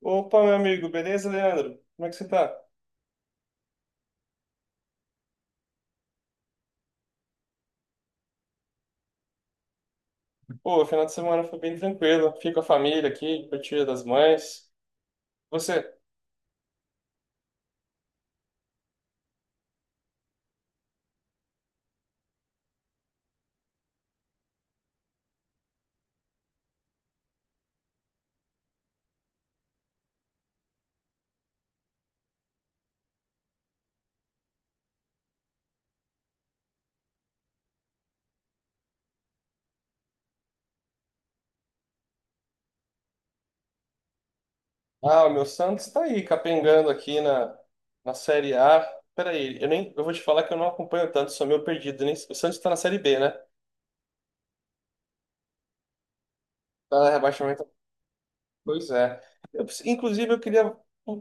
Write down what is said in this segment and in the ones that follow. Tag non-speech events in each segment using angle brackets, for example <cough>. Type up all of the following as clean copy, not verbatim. Opa, meu amigo, beleza, Leandro? Como é que você tá? Pô, o final de semana foi bem tranquilo. Fiquei com a família aqui, com Dia das Mães. Você? Ah, o meu Santos tá aí, capengando aqui na Série A. Peraí, eu nem, eu vou te falar que eu não acompanho tanto, sou meio perdido. Nem, o Santos tá na Série B, né? Tá na rebaixamento. Pois é. Inclusive, eu queria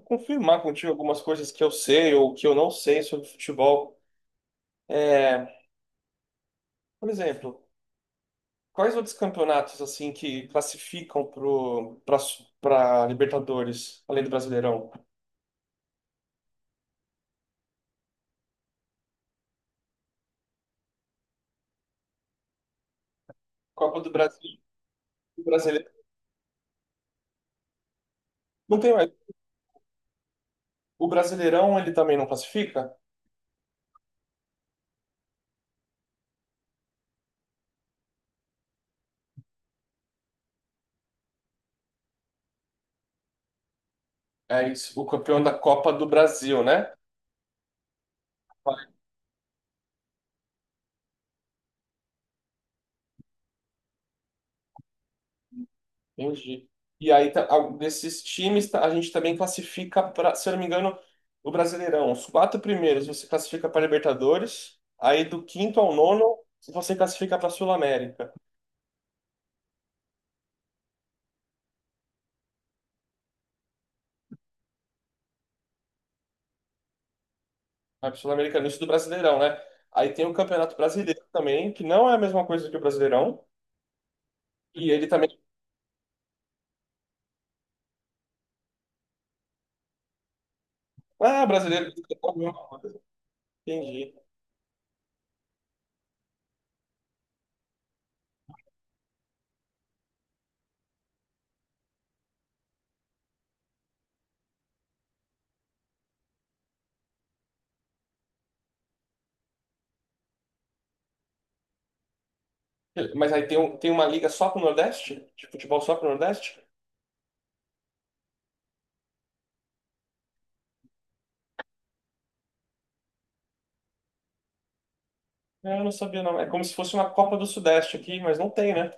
confirmar contigo algumas coisas que eu sei ou que eu não sei sobre futebol. É, por exemplo. Quais outros campeonatos assim que classificam pro para Libertadores, além do Brasileirão? Copa do Brasil, o Brasileirão. Não tem mais. O Brasileirão ele também não classifica? É isso, o campeão da Copa do Brasil, né? Entendi. E aí a gente também classifica para, se eu não me engano, o Brasileirão. Os quatro primeiros você classifica para Libertadores, aí do quinto ao nono você classifica para Sul-América. Campeonato Sul Americana isso do Brasileirão, né? Aí tem o Campeonato Brasileiro também, que não é a mesma coisa que o Brasileirão. E ele também. Ah, brasileiro. Entendi. Mas aí tem uma liga só pro Nordeste? De futebol só pro Nordeste? É, eu não sabia, não. É como se fosse uma Copa do Sudeste aqui, mas não tem, né?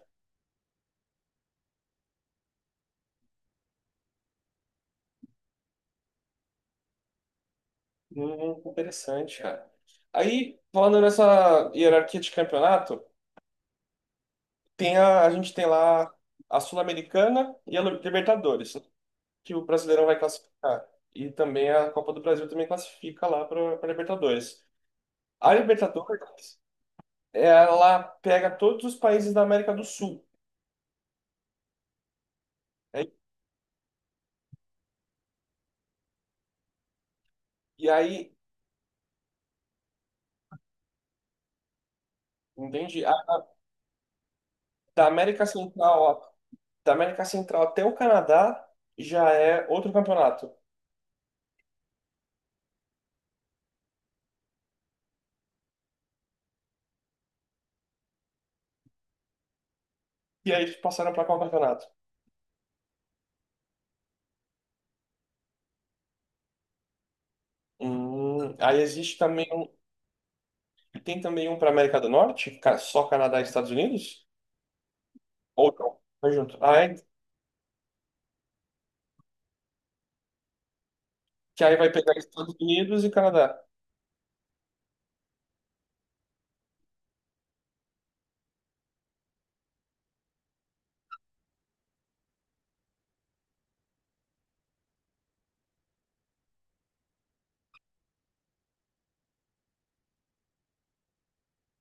Interessante, cara. Aí, falando nessa hierarquia de campeonato, a gente tem lá a Sul-Americana e a Libertadores. Que o Brasileirão vai classificar. E também a Copa do Brasil também classifica lá para a Libertadores. A Libertadores, ela pega todos os países da América do Sul, né? E aí, entende? Da América Central, ó, da América Central até o Canadá já é outro campeonato. E aí eles passaram para qual campeonato? Aí existe também um, tem também um para América do Norte, só Canadá e Estados Unidos? Ou não? Vai junto. Que aí vai pegar Estados Unidos e Canadá.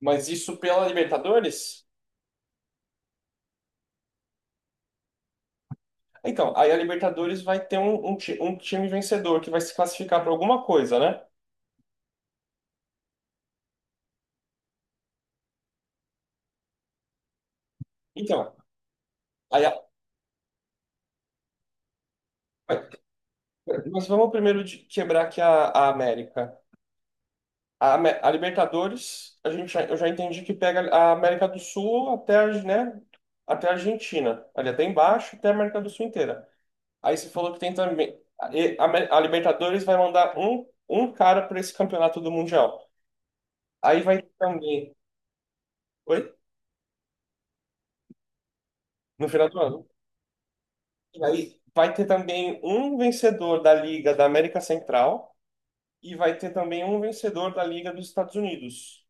Mas isso pela Libertadores? Então, aí a Libertadores vai ter um time vencedor que vai se classificar para alguma coisa, né? Então, aí a- mas vamos primeiro quebrar aqui a América. A Libertadores, eu já entendi que pega a América do Sul até, né, até a Argentina, ali até embaixo, até a América do Sul inteira. Aí você falou que tem também. A, e- a Amé- a Libertadores vai mandar um cara para esse campeonato do Mundial. Aí vai também. Oi? No final do ano. E aí vai ter também um vencedor da Liga da América Central e vai ter também um vencedor da Liga dos Estados Unidos.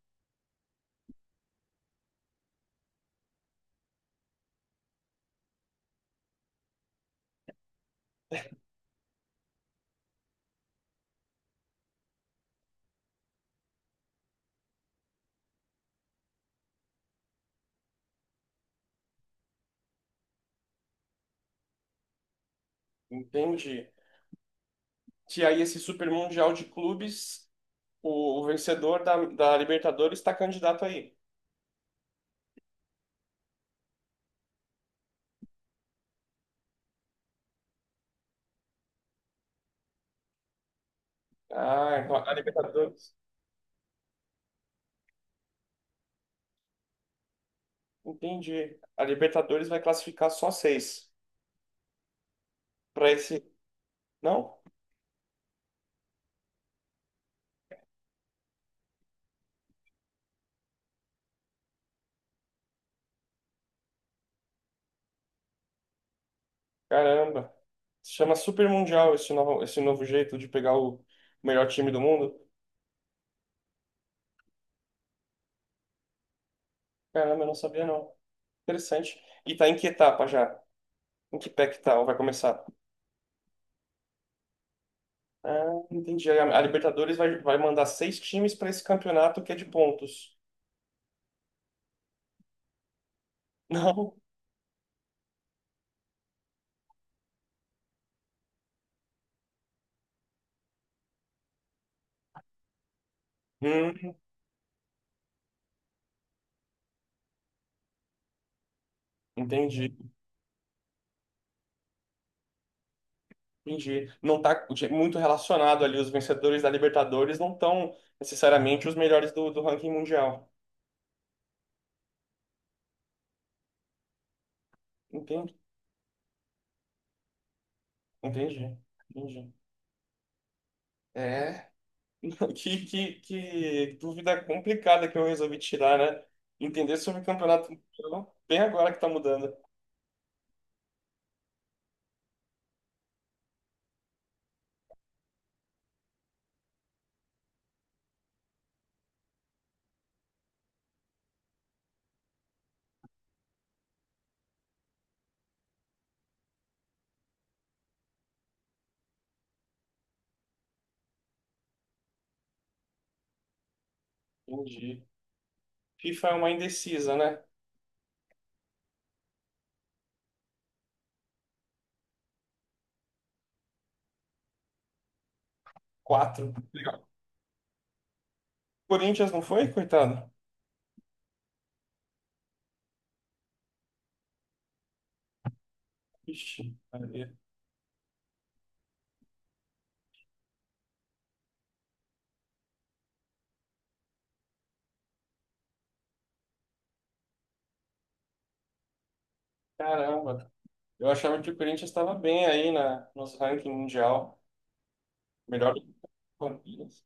Entende? Que aí esse Super Mundial de Clubes, o vencedor da Libertadores está candidato aí. Ah, então a Libertadores. Entendi. A Libertadores vai classificar só seis para esse. Não? Caramba. Se chama Super Mundial esse novo jeito de pegar o melhor time do mundo. Caramba, eu não sabia não. Interessante. E tá em que etapa já? Em que pé que tal? Vai começar? Ah, entendi. Aí a Libertadores vai mandar seis times para esse campeonato que é de pontos. <laughs> Não? Hum, entendi. Entendi. Não tá muito relacionado ali. Os vencedores da Libertadores não estão necessariamente os melhores do ranking mundial. Entendi. Entendi. Entendi. É. <laughs> Que dúvida complicada que eu resolvi tirar, né? Entender sobre o campeonato mundial bem agora que tá mudando. Entendi. FIFA é uma indecisa, né? Quatro. Corinthians não foi, coitado? Ixi, Maria. Caramba. Eu achava que o Corinthians estava bem aí nos ranking mundial. Melhor do que o Palmeiras.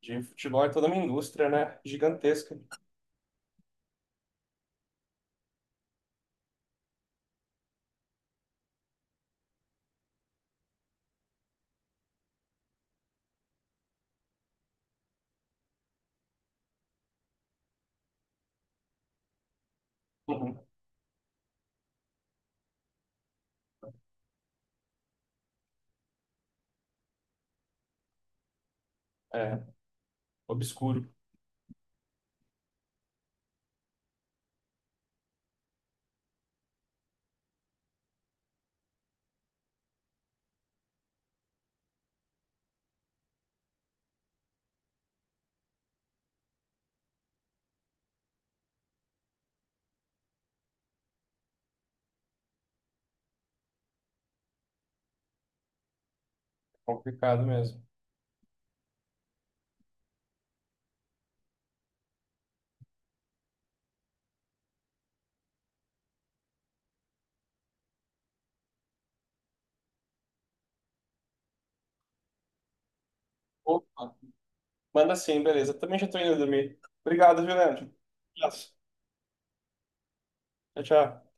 De futebol é toda uma indústria, né? Gigantesca. Uhum. É, obscuro. Complicado mesmo. Opa, manda sim, beleza. Também já tô indo dormir. Obrigado, viu, Leandro? Abraço. Tchau, tchau.